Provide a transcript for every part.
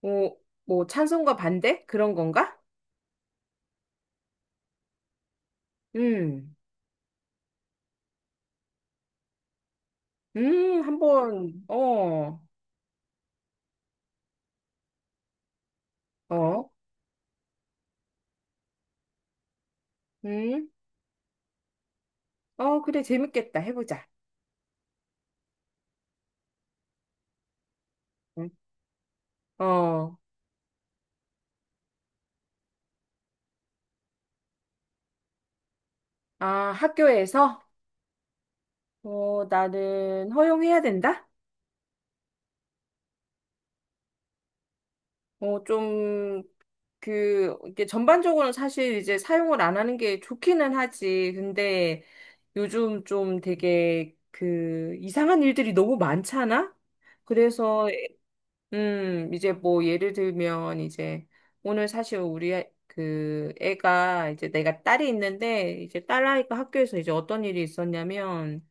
뭐, 뭐 찬성과 반대? 그런 건가? 음, 한번, 어, 음, 어, 그래, 재밌겠다. 해보자. 응. 어, 아, 학교에서, 어, 나는 허용해야 된다? 좀, 이게 전반적으로는 사실 이제 사용을 안 하는 게 좋기는 하지. 근데 요즘 좀 되게 그 이상한 일들이 너무 많잖아? 그래서 이제 뭐 예를 들면 이제 오늘 사실 그 애가 이제 내가 딸이 있는데 이제 딸아이가 학교에서 이제 어떤 일이 있었냐면,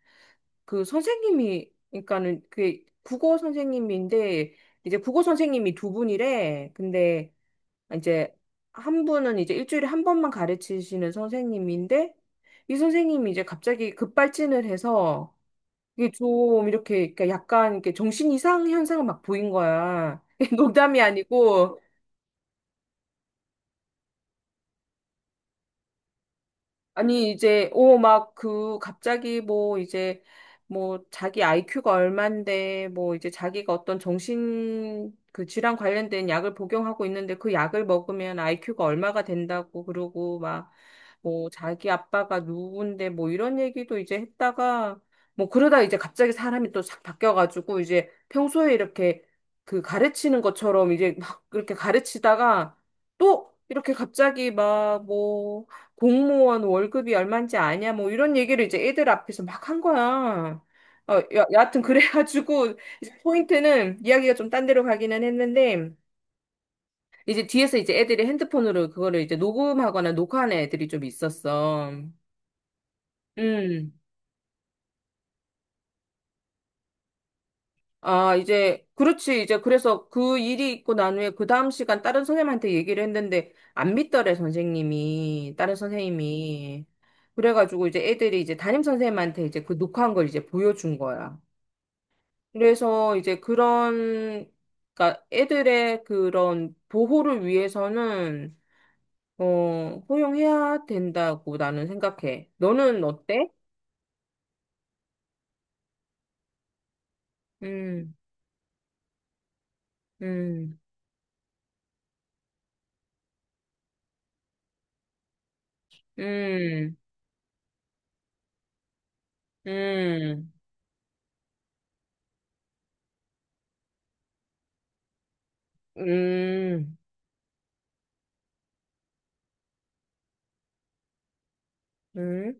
그 선생님이 그러니까는 그 국어 선생님인데, 이제 국어 선생님이 두 분이래. 근데 이제 한 분은 이제 일주일에 한 번만 가르치시는 선생님인데, 이 선생님이 이제 갑자기 급발진을 해서 이게 좀 이렇게 그러니까 약간 이렇게 정신 이상 현상을 막 보인 거야. 농담이 아니고. 아니, 이제, 오, 막, 그, 갑자기 뭐, 이제, 뭐, 자기 IQ가 얼만데, 뭐, 이제 자기가 어떤 정신, 그 질환 관련된 약을 복용하고 있는데, 그 약을 먹으면 IQ가 얼마가 된다고, 그러고, 막, 뭐, 자기 아빠가 누군데, 뭐, 이런 얘기도 이제 했다가, 뭐, 그러다 이제 갑자기 사람이 또 싹 바뀌어가지고, 이제 평소에 이렇게 그 가르치는 것처럼 이제 막 그렇게 가르치다가, 또, 이렇게 갑자기 막, 뭐, 공무원 월급이 얼마인지 아냐 뭐 이런 얘기를 이제 애들 앞에서 막 한 거야. 여하튼 그래가지고 이제 포인트는 이야기가 좀 딴 데로 가기는 했는데, 이제 뒤에서 이제 애들이 핸드폰으로 그거를 이제 녹음하거나 녹화하는 애들이 좀 있었어. 음. 아, 이제 그렇지. 이제 그래서 그 일이 있고 난 후에 그 다음 시간 다른 선생님한테 얘기를 했는데 안 믿더래, 선생님이, 다른 선생님이. 그래가지고 이제 애들이 이제 담임 선생님한테 이제 그 녹화한 걸 이제 보여준 거야. 그래서 이제 그런, 그러니까 애들의 그런 보호를 위해서는, 어, 허용해야 된다고 나는 생각해. 너는 어때? 음, 음, 음, 음, 음, 음,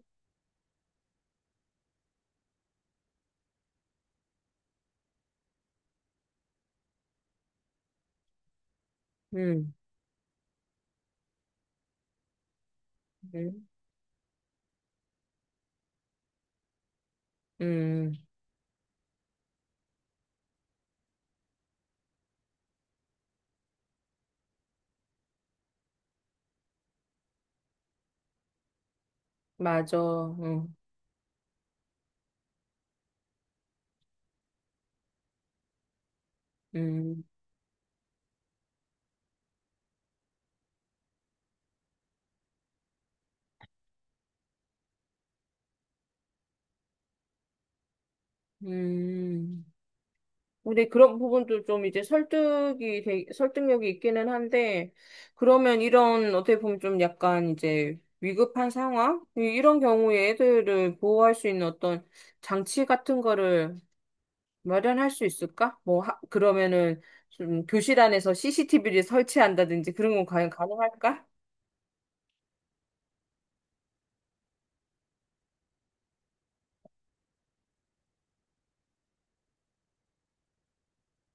음, 음, 음, 맞아. 응, 음, 음. 근데 그런 부분도 좀 이제 설득력이 있기는 한데, 그러면 이런 어떻게 보면 좀 약간 이제 위급한 상황 이런 경우에 애들을 보호할 수 있는 어떤 장치 같은 거를 마련할 수 있을까? 뭐 그러면은 좀 교실 안에서 CCTV를 설치한다든지 그런 건 과연 가능할까?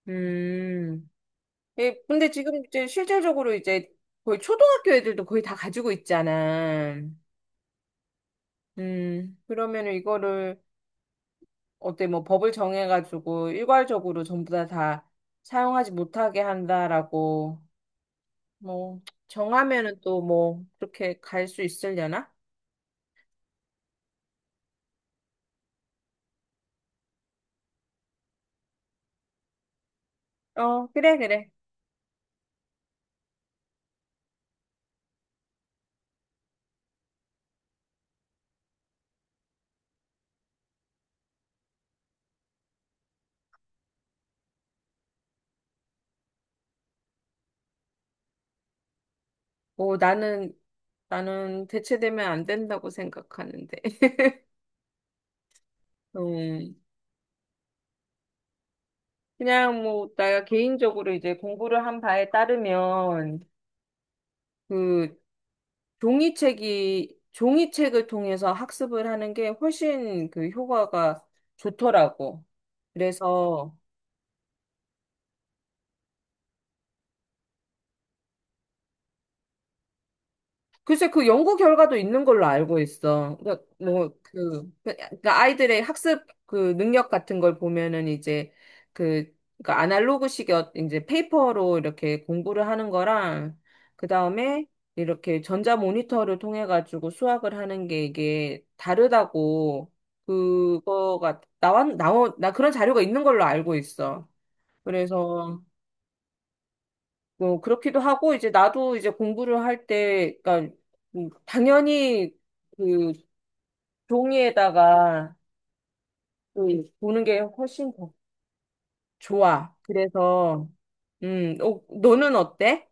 음. 예, 근데 지금 이제 실질적으로 이제 거의 초등학교 애들도 거의 다 가지고 있잖아. 음. 그러면은 이거를 어때, 뭐 법을 정해가지고 일괄적으로 전부 다 사용하지 못하게 한다라고 뭐 정하면은 또 뭐 그렇게 갈 수 있으려나? 어, 그래 그래. 뭐 나는 대체되면 안 된다고 생각하는데. 음. 그냥 뭐 내가 개인적으로 이제 공부를 한 바에 따르면 그 종이책이 종이책을 통해서 학습을 하는 게 훨씬 그 효과가 좋더라고. 그래서 글쎄, 그 연구 결과도 있는 걸로 알고 있어. 그러니까 뭐, 그러니까 아이들의 학습 그 능력 같은 걸 보면은 이제 그, 그러니까 아날로그식 이제 페이퍼로 이렇게 공부를 하는 거랑, 그 다음에 이렇게 전자 모니터를 통해 가지고 수학을 하는 게 이게 다르다고, 나 그런 자료가 있는 걸로 알고 있어. 그래서 어, 그렇기도 하고, 이제 나도 이제 공부를 할 때, 그러니까, 당연히 그 종이에다가 그 보는 게 훨씬 더 좋아. 그래서, 어, 너는 어때?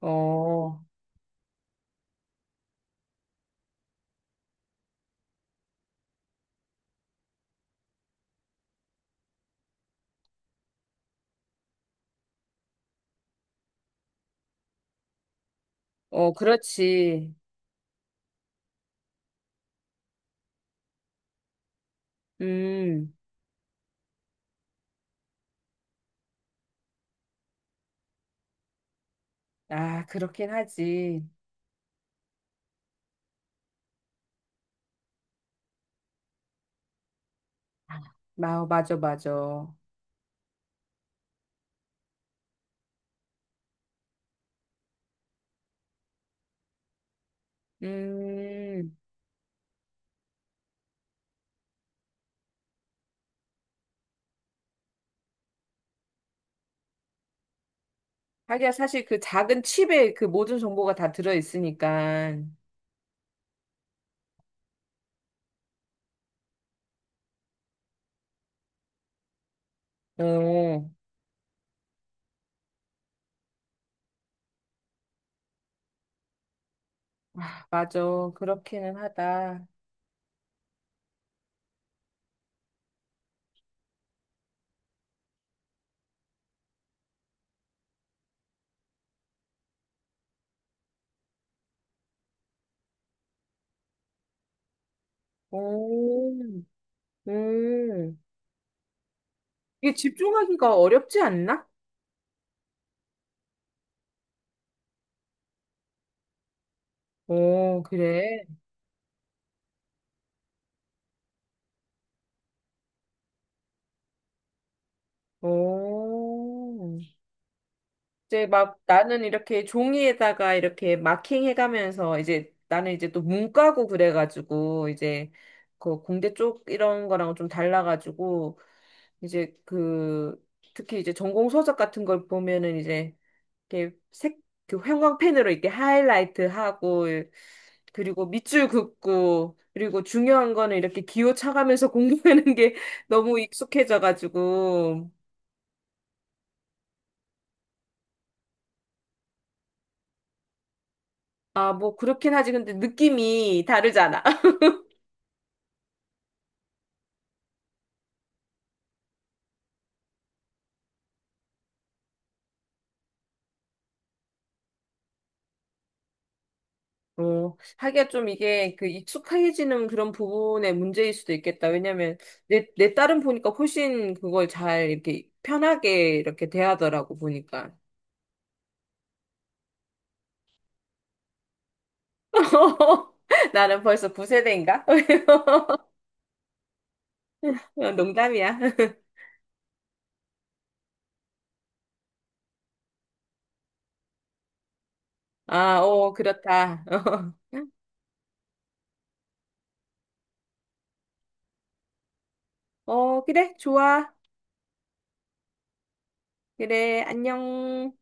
어, 어, 그렇지. 음, 아, 그렇긴 하지. 맞아, 맞아. 음, 하기야 사실 그 작은 칩에 그 모든 정보가 다 들어있으니까. 어, 아, 맞아. 그렇기는 하다. 오, 음. 이게 집중하기가 어렵지 않나? 오, 그래. 오, 이제 막 나는 이렇게 종이에다가 이렇게 마킹 해가면서, 이제 나는 이제 또 문과고 그래가지고 이제 그 공대 쪽 이런 거랑 좀 달라가지고 이제 그 특히 이제 전공 서적 같은 걸 보면은 이제 이렇게 색, 그 형광펜으로 이렇게 하이라이트 하고, 그리고 밑줄 긋고, 그리고 중요한 거는 이렇게 기호 차가면서 공부하는 게 너무 익숙해져가지고. 아, 뭐, 그렇긴 하지. 근데 느낌이 다르잖아. 어, 하기가 좀 이게 그 익숙해지는 그런 부분의 문제일 수도 있겠다. 왜냐면 내 딸은 보니까 훨씬 그걸 잘 이렇게 편하게 이렇게 대하더라고, 보니까. 나는 벌써 9세대인가? 어, 농담이야. 아, 어, 그렇다. 어, 그래, 좋아. 그래, 안녕.